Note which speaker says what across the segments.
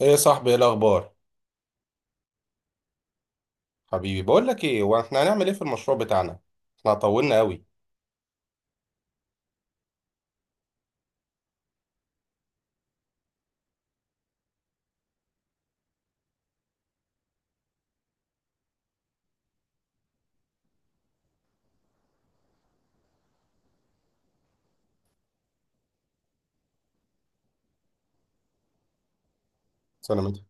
Speaker 1: ايه يا صاحبي، ايه الاخبار؟ حبيبي، بقول لك ايه، هو احنا هنعمل ايه في المشروع بتاعنا؟ احنا طولنا قوي. سنة متى؟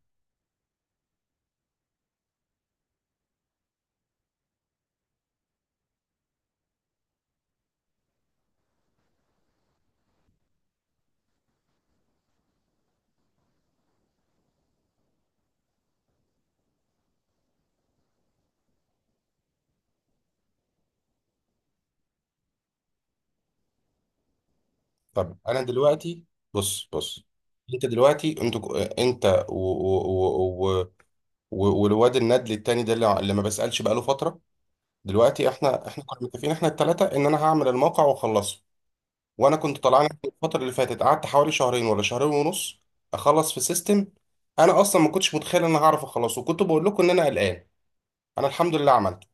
Speaker 1: طب انا دلوقتي، بص بص. انت دلوقتي انت انت و... و... و... و... والواد الندل التاني ده، اللي ما بسألش بقاله فترة. دلوقتي احنا كنا متفقين، احنا التلاتة، ان انا هعمل الموقع واخلصه. وانا كنت طلعان الفترة اللي فاتت، قعدت حوالي شهرين ولا شهرين ونص اخلص في سيستم. انا اصلا ما كنتش متخيل ان انا هعرف اخلصه، وكنت بقول لكم ان انا قلقان. انا الحمد لله عملته،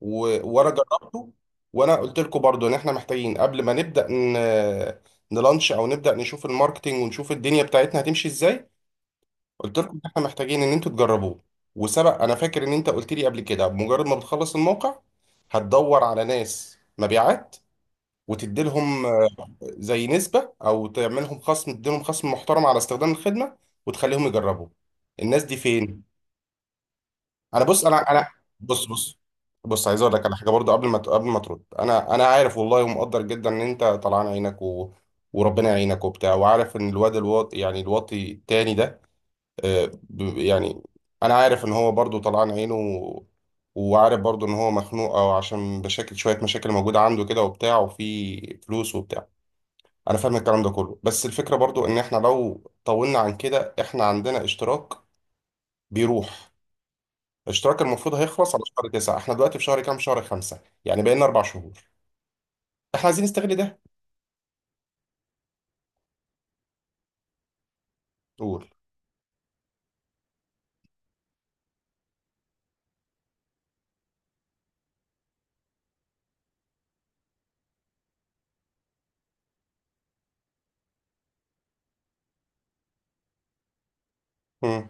Speaker 1: وانا جربته. وانا قلت لكم برضو ان احنا محتاجين قبل ما نبدا نلانش او نبدا نشوف الماركتينج، ونشوف الدنيا بتاعتنا هتمشي ازاي. قلت لكم ان احنا محتاجين ان انتوا تجربوه. وسبق انا فاكر ان انت قلت لي قبل كده، بمجرد ما بتخلص الموقع هتدور على ناس مبيعات وتديلهم، زي نسبة او تعملهم خصم، تديلهم خصم محترم على استخدام الخدمة وتخليهم يجربوا. الناس دي فين؟ انا بص بص بص، عايز اقول لك على حاجه برضو قبل ما ترد. انا عارف والله، ومقدر جدا ان انت طلعان عينك وربنا يعينك وبتاع، وعارف ان الواد الواطي، يعني الواطي التاني ده، يعني انا عارف ان هو برضو طلعان عينه، وعارف برضو ان هو مخنوق، او عشان مشاكل، شويه مشاكل موجوده عنده كده وبتاع، وفي فلوس وبتاع. انا فاهم الكلام ده كله، بس الفكره برضو ان احنا لو طولنا عن كده، احنا عندنا اشتراك بيروح. الاشتراك المفروض هيخلص على شهر 9، احنا دلوقتي في شهر كام؟ شهر 5. يعني بقينا 4 شهور. احنا عايزين نستغل ده. قول. مم.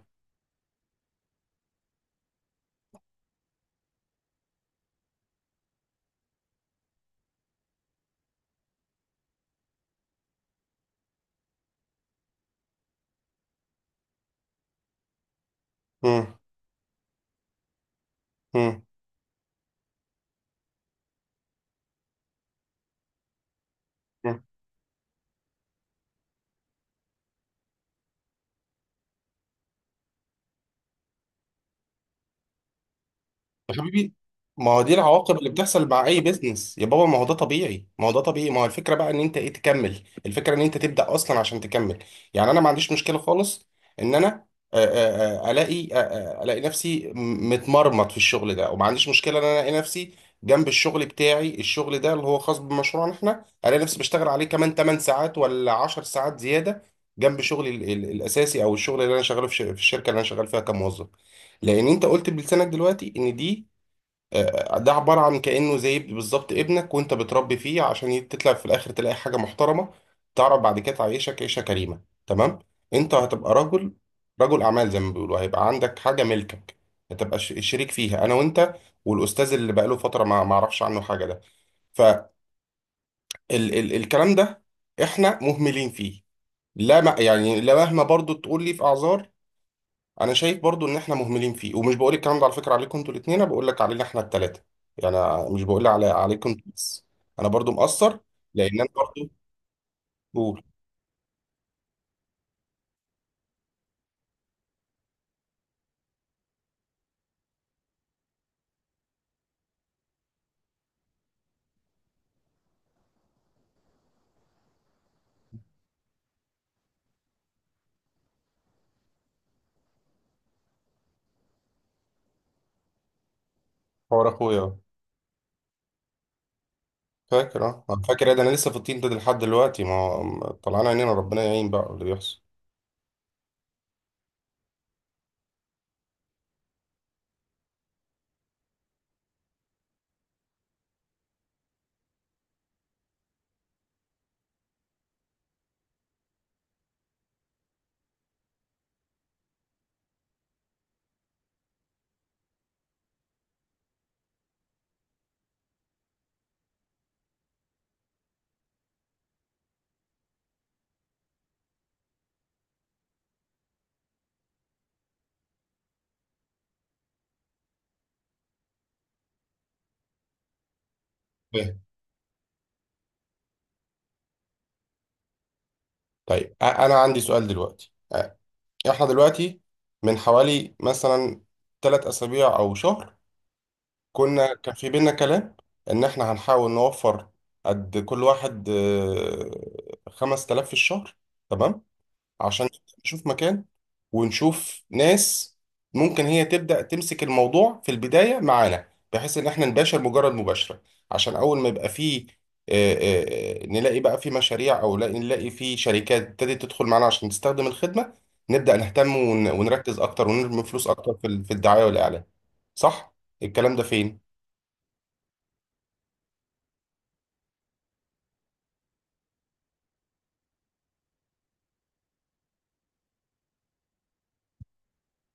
Speaker 1: مم. مم. يا حبيبي، ما هو دي العواقب اللي بتحصل مع اي بيزنس يا بابا. ما هو ده طبيعي، ما هو ده طبيعي. ما هو الفكره بقى ان انت ايه، تكمل الفكره، ان انت تبدا اصلا عشان تكمل. يعني انا ما عنديش مشكله خالص ان انا الاقي نفسي متمرمط في الشغل ده. وما عنديش مشكله ان انا الاقي نفسي جنب الشغل بتاعي، الشغل ده اللي هو خاص بمشروعنا احنا، الاقي نفسي بشتغل عليه كمان 8 ساعات ولا 10 ساعات زياده، جنب شغلي الاساسي، او الشغل اللي انا شغاله في الشركه اللي انا شغال فيها كموظف. لان انت قلت بلسانك دلوقتي ان دي، ده عبارة عن كأنه زي بالظبط ابنك وانت بتربي فيه، عشان تطلع في الآخر تلاقي حاجة محترمة تعرف بعد كده تعيشك عيشة كريمة. تمام. انت هتبقى رجل، رجل أعمال زي ما بيقولوا، هيبقى عندك حاجة ملكك، هتبقى شريك فيها، أنا وانت والأستاذ اللي بقاله فترة ما أعرفش عنه حاجة ده. فالكلام ده احنا مهملين فيه. لا، ما يعني لا، مهما برضو تقول لي في أعذار، انا شايف برضو ان احنا مهملين فيه. ومش بقول الكلام ده على فكره عليكم انتوا الاثنين، انا بقول لك علينا احنا الثلاثه. يعني أنا مش بقول على عليكم انتوا بس، انا برضو مقصر، لان انا برضو بقول. حوار اخويا أهو. فاكر؟ اه أنا فاكر. إيه ده، انا لسه في الطين ده لحد دلوقتي طلعنا عينينا، ربنا يعين بقى اللي بيحصل. فاهم. طيب، انا عندي سؤال دلوقتي. احنا دلوقتي من حوالي مثلا 3 اسابيع او شهر كنا، كان في بينا كلام ان احنا هنحاول نوفر قد كل واحد 5,000 في الشهر. تمام، عشان نشوف مكان ونشوف ناس ممكن هي تبدأ تمسك الموضوع في البداية معانا، بحيث ان احنا نباشر مجرد مباشرة عشان اول ما يبقى فيه نلاقي بقى في مشاريع، او لا- نلاقي في شركات ابتدت تدخل معانا عشان تستخدم الخدمة، نبدأ نهتم ونركز اكتر ونرمي فلوس اكتر في الدعاية والاعلان. صح؟ الكلام ده فين؟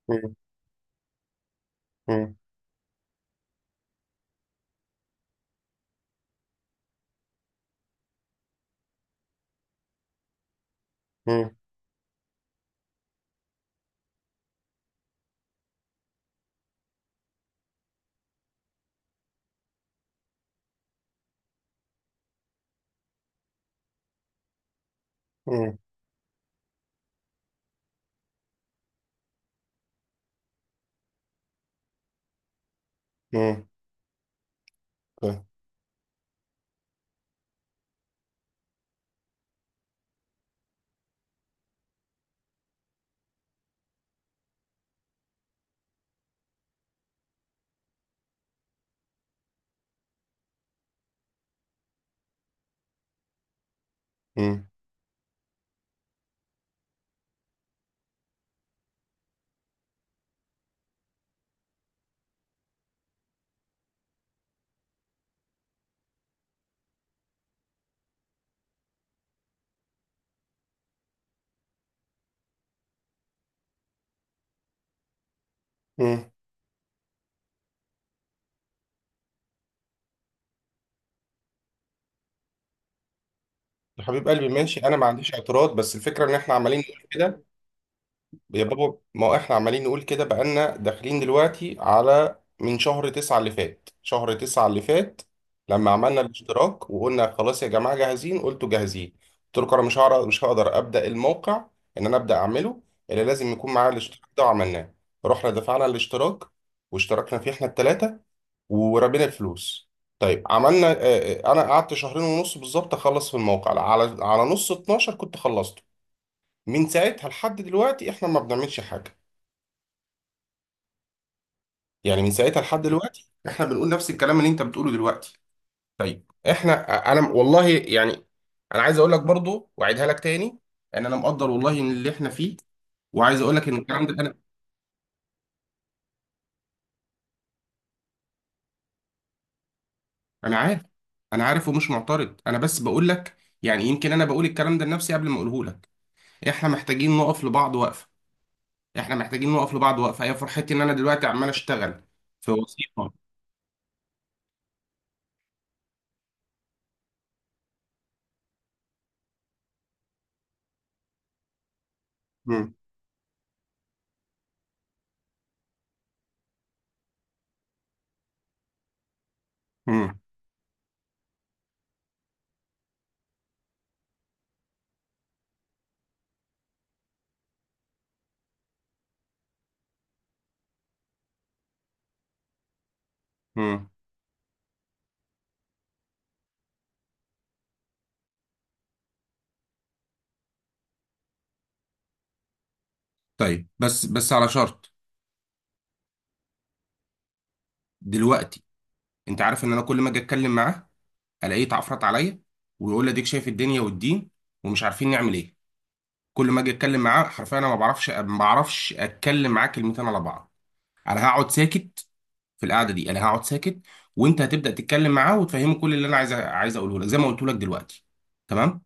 Speaker 1: مم. مم. مم. مم. مم. طيب. مم. مم. يا حبيب قلبي، ماشي، انا ما عنديش اعتراض، بس الفكره ان احنا عمالين نقول كده. يا بابا، ما هو احنا عمالين نقول كده بقالنا داخلين دلوقتي على من شهر 9 اللي فات، شهر 9 اللي فات لما عملنا الاشتراك وقلنا خلاص يا جماعه جاهزين، قلتوا جاهزين. قلت لكم انا مش هعرف، مش هقدر ابدا الموقع، ان انا ابدا اعمله الا لازم يكون معايا الاشتراك ده، وعملناه. رحنا دفعنا الاشتراك واشتركنا فيه احنا الثلاثه، ورمينا الفلوس. طيب، عملنا، انا قعدت شهرين ونص بالظبط اخلص في الموقع. على نص 12 كنت خلصته. من ساعتها لحد دلوقتي احنا ما بنعملش حاجه. يعني من ساعتها لحد دلوقتي احنا بنقول نفس الكلام اللي انت بتقوله دلوقتي. طيب احنا، انا والله يعني، انا عايز اقول لك برضو واعيدها لك تاني ان انا مقدر والله ان اللي احنا فيه، وعايز اقول لك ان الكلام ده انا، انا عارف، انا عارف ومش معترض، انا بس بقول لك. يعني يمكن انا بقول الكلام ده لنفسي قبل ما اقوله لك. احنا محتاجين نقف لبعض وقفه، احنا محتاجين نقف لبعض وقفه. هي فرحتي ان انا دلوقتي عمال اشتغل في وظيفه. مم. مم. مم. طيب، بس بس على شرط. دلوقتي انت عارف ان انا كل ما اجي اتكلم معاه الاقيه اتعفرت عليا، ويقول لي اديك شايف الدنيا والدين ومش عارفين نعمل ايه. كل ما اجي اتكلم معاه حرفيا انا ما بعرفش، ما بعرفش اتكلم معاه كلمتين على بعض. انا هقعد ساكت. في القعده دي انا هقعد ساكت، وانت هتبدا تتكلم معاه وتفهمه كل اللي انا عايز اقوله لك زي ما قلت لك دلوقتي. تمام.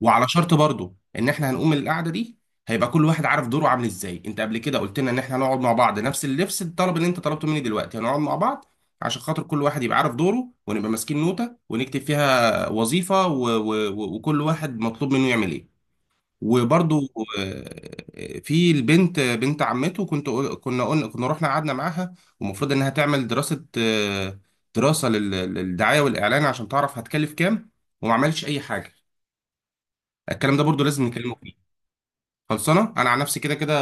Speaker 1: وعلى شرط برضو ان احنا هنقوم القعده دي هيبقى كل واحد عارف دوره عامل ازاي. انت قبل كده قلت لنا ان احنا هنقعد مع بعض، نفس اللبس، الطلب اللي انت طلبته مني دلوقتي هنقعد مع بعض عشان خاطر كل واحد يبقى عارف دوره، ونبقى ماسكين نوتة ونكتب فيها وظيفة وكل واحد مطلوب منه يعمل ايه. وبرضو في البنت بنت عمته، كنت كنا قلنا، كنا رحنا قعدنا معاها ومفروض انها تعمل دراسة، دراسة للدعاية والإعلان عشان تعرف هتكلف كام وما عملتش أي حاجة. الكلام ده برضو لازم نكلمه فيه. خلصانه انا عن نفسي كده كده،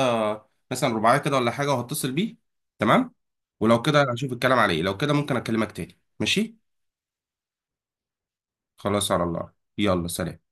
Speaker 1: مثلا رباعيه كده ولا حاجه، وهتصل بيه. تمام، ولو كده هشوف الكلام عليه. لو كده ممكن اكلمك تاني. ماشي. خلاص على الله، يلا سلام.